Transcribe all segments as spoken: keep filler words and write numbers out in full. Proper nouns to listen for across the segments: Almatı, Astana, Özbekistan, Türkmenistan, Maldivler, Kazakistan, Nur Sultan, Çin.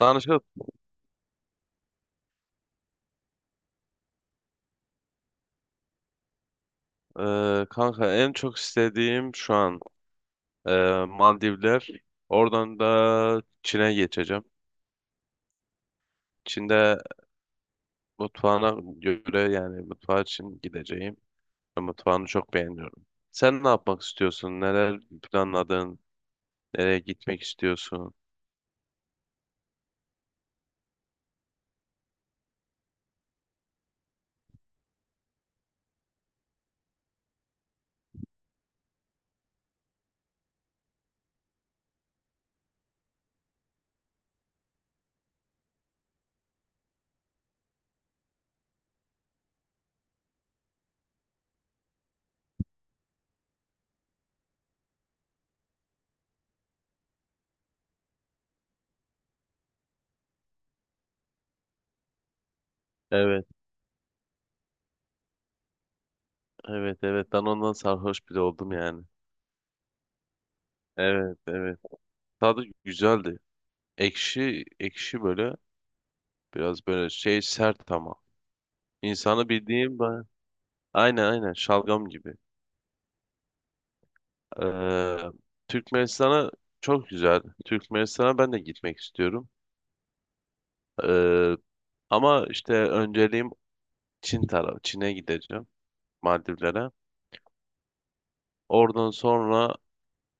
Danışık, eee, kanka en çok istediğim şu an eee, Maldivler. Oradan da Çin'e geçeceğim. Çin'de mutfağına göre yani mutfağı için gideceğim. Mutfağını çok beğeniyorum. Sen ne yapmak istiyorsun? Neler planladın? Nereye gitmek istiyorsun? Evet, evet, evet. Ben ondan sarhoş bile oldum yani. Evet, evet. Tadı güzeldi. Ekşi, ekşi böyle. Biraz böyle şey sert ama. İnsanı bildiğim ben. Aynen aynen şalgam gibi. Ee, Türkmenistan'a çok güzel. Türkmenistan'a ben de gitmek istiyorum. Ee, ama işte önceliğim Çin tarafı. Çin'e gideceğim. Maldivlere. Oradan sonra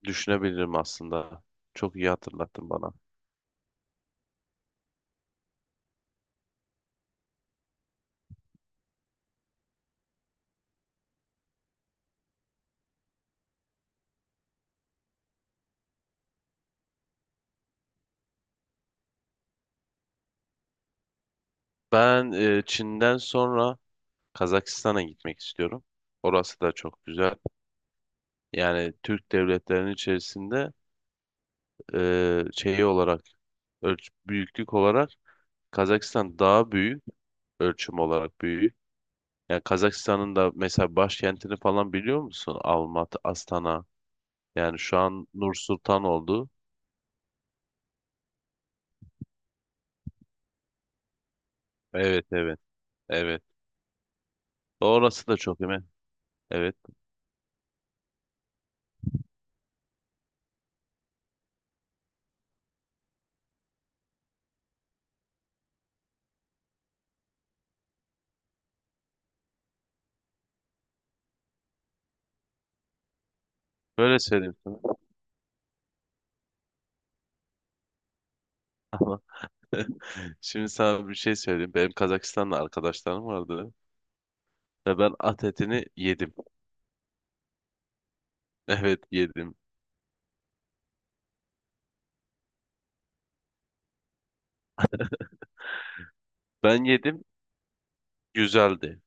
düşünebilirim aslında. Çok iyi hatırlattın bana. Ben e, Çin'den sonra Kazakistan'a gitmek istiyorum. Orası da çok güzel. Yani Türk devletlerinin içerisinde e, şeyi olarak ölç büyüklük olarak Kazakistan daha büyük. Ölçüm olarak büyüğü. Yani Kazakistan'ın da mesela başkentini falan biliyor musun? Almatı, Astana. Yani şu an Nur Sultan oldu. Evet, evet, evet. Orası da çok hemen. Evet. Böyle söyleyeyim sana. Şimdi sana bir şey söyleyeyim. Benim Kazakistan'da arkadaşlarım vardı. Ve ben at etini yedim. Evet yedim. Ben yedim. Güzeldi.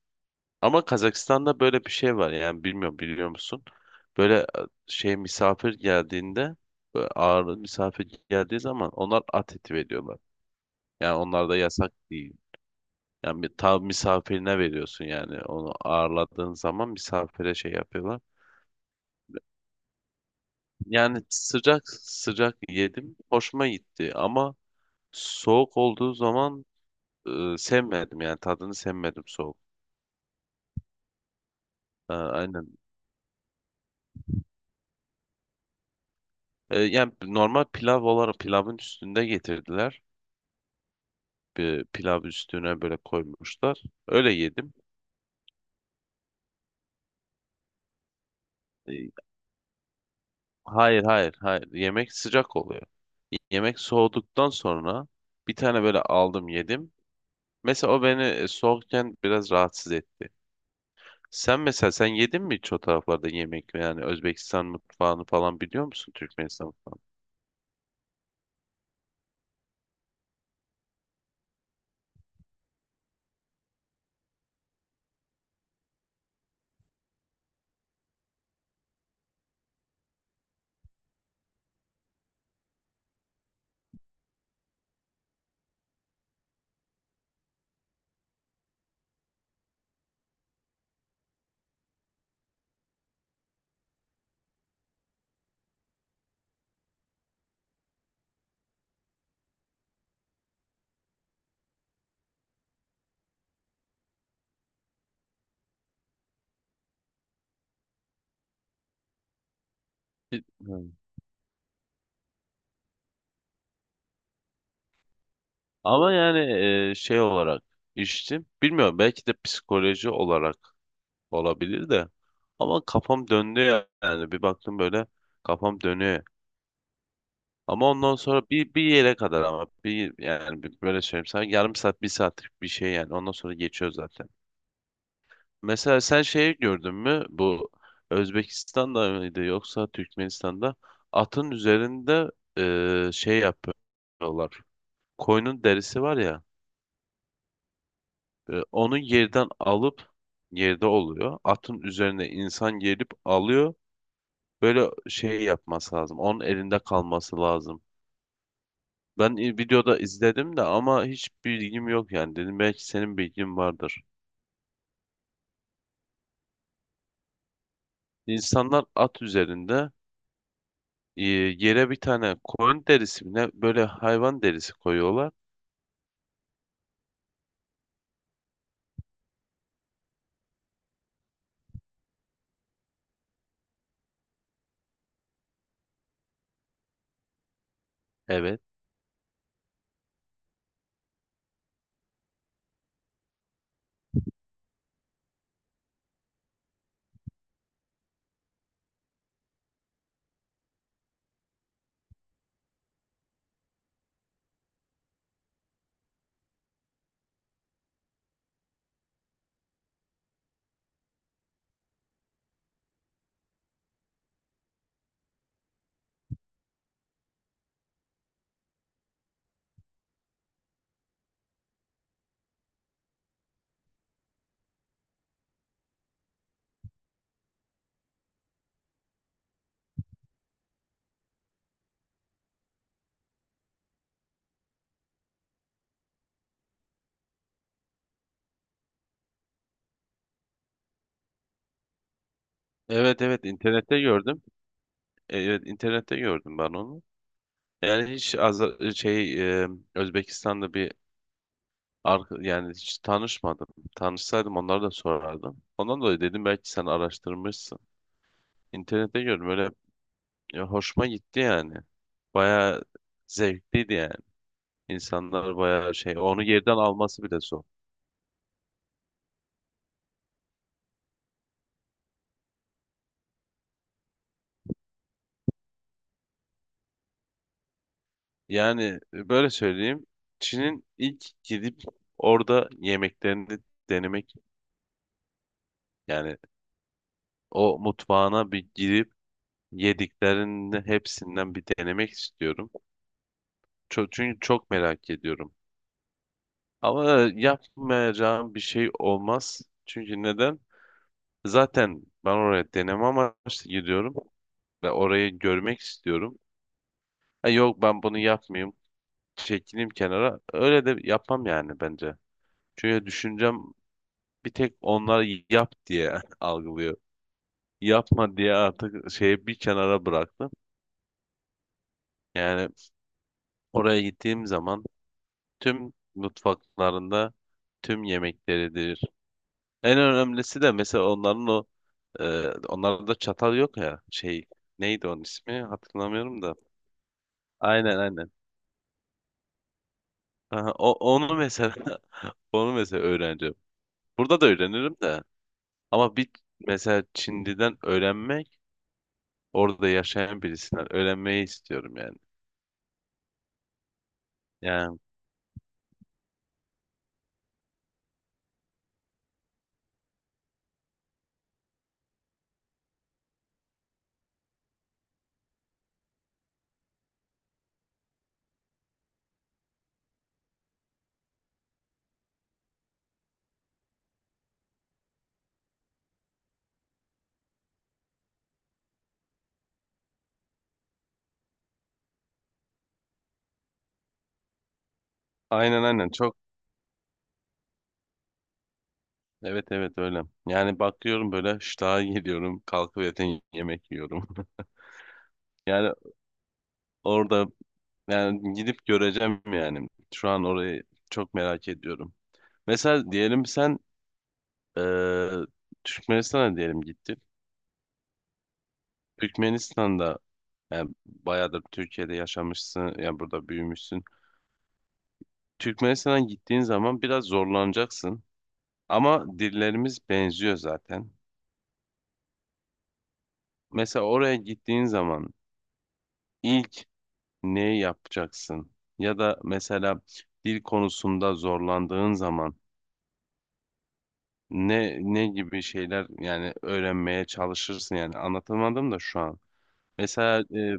Ama Kazakistan'da böyle bir şey var yani bilmiyorum biliyor musun? Böyle e, şey misafir geldiğinde böyle ağırlı misafir geldiği zaman onlar at eti veriyorlar. Yani onlar da yasak değil. Yani bir tav misafirine veriyorsun yani onu ağırladığın zaman misafire şey yapıyorlar. Yani sıcak sıcak yedim hoşuma gitti ama soğuk olduğu zaman e, sevmedim yani tadını sevmedim soğuk. Ha, aynen. E, yani normal pilav olarak pilavın üstünde getirdiler. Bir pilav üstüne böyle koymuşlar. Öyle yedim. E, Hayır hayır hayır. Yemek sıcak oluyor. Yemek soğuduktan sonra bir tane böyle aldım yedim. Mesela o beni e, soğukken biraz rahatsız etti. Sen mesela sen yedin mi hiç o taraflarda yemek yani Özbekistan mutfağını falan biliyor musun Türkmenistan mutfağını? Bi- Hmm. Ama yani e, şey olarak içtim. Bilmiyorum belki de psikoloji olarak olabilir de. Ama kafam döndü ya- yani. Bir baktım böyle kafam dönüyor. Ama ondan sonra bir, bir yere kadar ama bir yani bir- böyle söyleyeyim sana yarım saat bir saatlik bir şey yani ondan sonra geçiyor zaten. Mesela sen şeyi gördün mü bu Özbekistan'da mıydı yoksa Türkmenistan'da atın üzerinde e, şey yapıyorlar. Koyunun derisi var ya e, onu yerden alıp yerde oluyor. Atın üzerine insan gelip alıyor. Böyle şey yapması lazım. Onun elinde kalması lazım. Ben i- videoda izledim de ama hiç bilgim yok yani. Dedim belki senin bilgin vardır. İnsanlar at üzerinde e, yere bir tane koyun derisi mi ne böyle hayvan derisi koyuyorlar. Evet. Evet evet internette gördüm. E, Evet internette gördüm ben onu. Yani hiç Azer- şey e, Özbekistan'da bir arka- yani hiç tanışmadım. Tanışsaydım onlara da sorardım. Ondan dolayı dedim belki sen araştırmışsın. İnternette gördüm öyle. Ya hoşuma gitti yani. Bayağı zevkliydi yani. İnsanlar bayağı şey, onu yerden alması bile zor. Yani böyle söyleyeyim, Çin'in ilk gidip orada yemeklerini denemek, yani o mutfağına bir girip yediklerinin hepsinden bir denemek istiyorum. Ço- çünkü çok merak ediyorum. Ama yapmayacağım bir şey olmaz. Çünkü neden? Zaten ben oraya deneme amaçlı gidiyorum ve orayı görmek istiyorum. Ha, yok ben bunu yapmayayım. Çekileyim kenara. Öyle de yapmam yani bence. Çünkü düşüncem bir tek onlar yap diye algılıyor. Yapma diye artık şeyi bir kenara bıraktım. Yani oraya gittiğim zaman tüm mutfaklarında tüm yemekleridir. En önemlisi de mesela onların o e, onlarda çatal yok ya şey neydi onun ismi hatırlamıyorum da. Aynen aynen. Aha, o, onu mesela onu mesela öğreneceğim. Burada da öğrenirim de. Ama bir mesela Çinli'den öğrenmek, orada yaşayan birisinden öğrenmeyi istiyorum yani. Yani aynen aynen çok evet evet öyle. Yani bakıyorum böyle ştaha geliyorum, kalkıp zaten yemek yiyorum. Yani orada yani gidip göreceğim yani. Şu an orayı çok merak ediyorum. Mesela diyelim sen eee Türkmenistan'a diyelim gittin. Türkmenistan'da yani bayağıdır Türkiye'de yaşamışsın, yani burada büyümüşsün. Türkmenistan'a gittiğin zaman biraz zorlanacaksın. Ama dillerimiz benziyor zaten. Mesela oraya gittiğin zaman ilk ne yapacaksın? Ya da mesela dil konusunda zorlandığın zaman ne ne gibi şeyler yani öğrenmeye çalışırsın yani anlatamadım da şu an. Mesela e,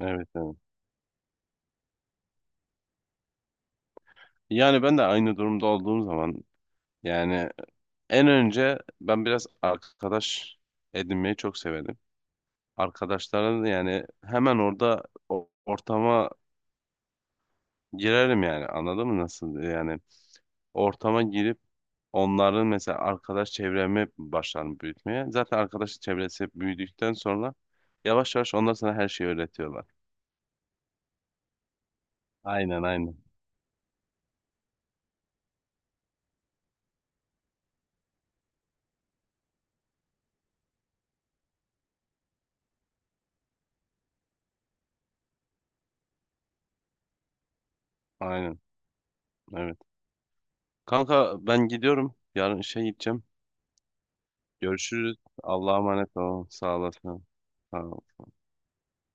evet evet. Yani ben de aynı durumda olduğum zaman yani en önce ben biraz arkadaş edinmeyi çok severim. Arkadaşlara da yani hemen orada o- ortama girerim yani anladın mı nasıl yani ortama girip onların mesela arkadaş çevremi başlarım büyütmeye. Zaten arkadaş çevresi hep büyüdükten sonra yavaş yavaş onlar sana her şeyi öğretiyorlar. Aynen aynen. Aynen evet. Kanka ben gidiyorum. Yarın işe gideceğim. Görüşürüz. Allah'a emanet olun. Sağ olasın. Sağ ol.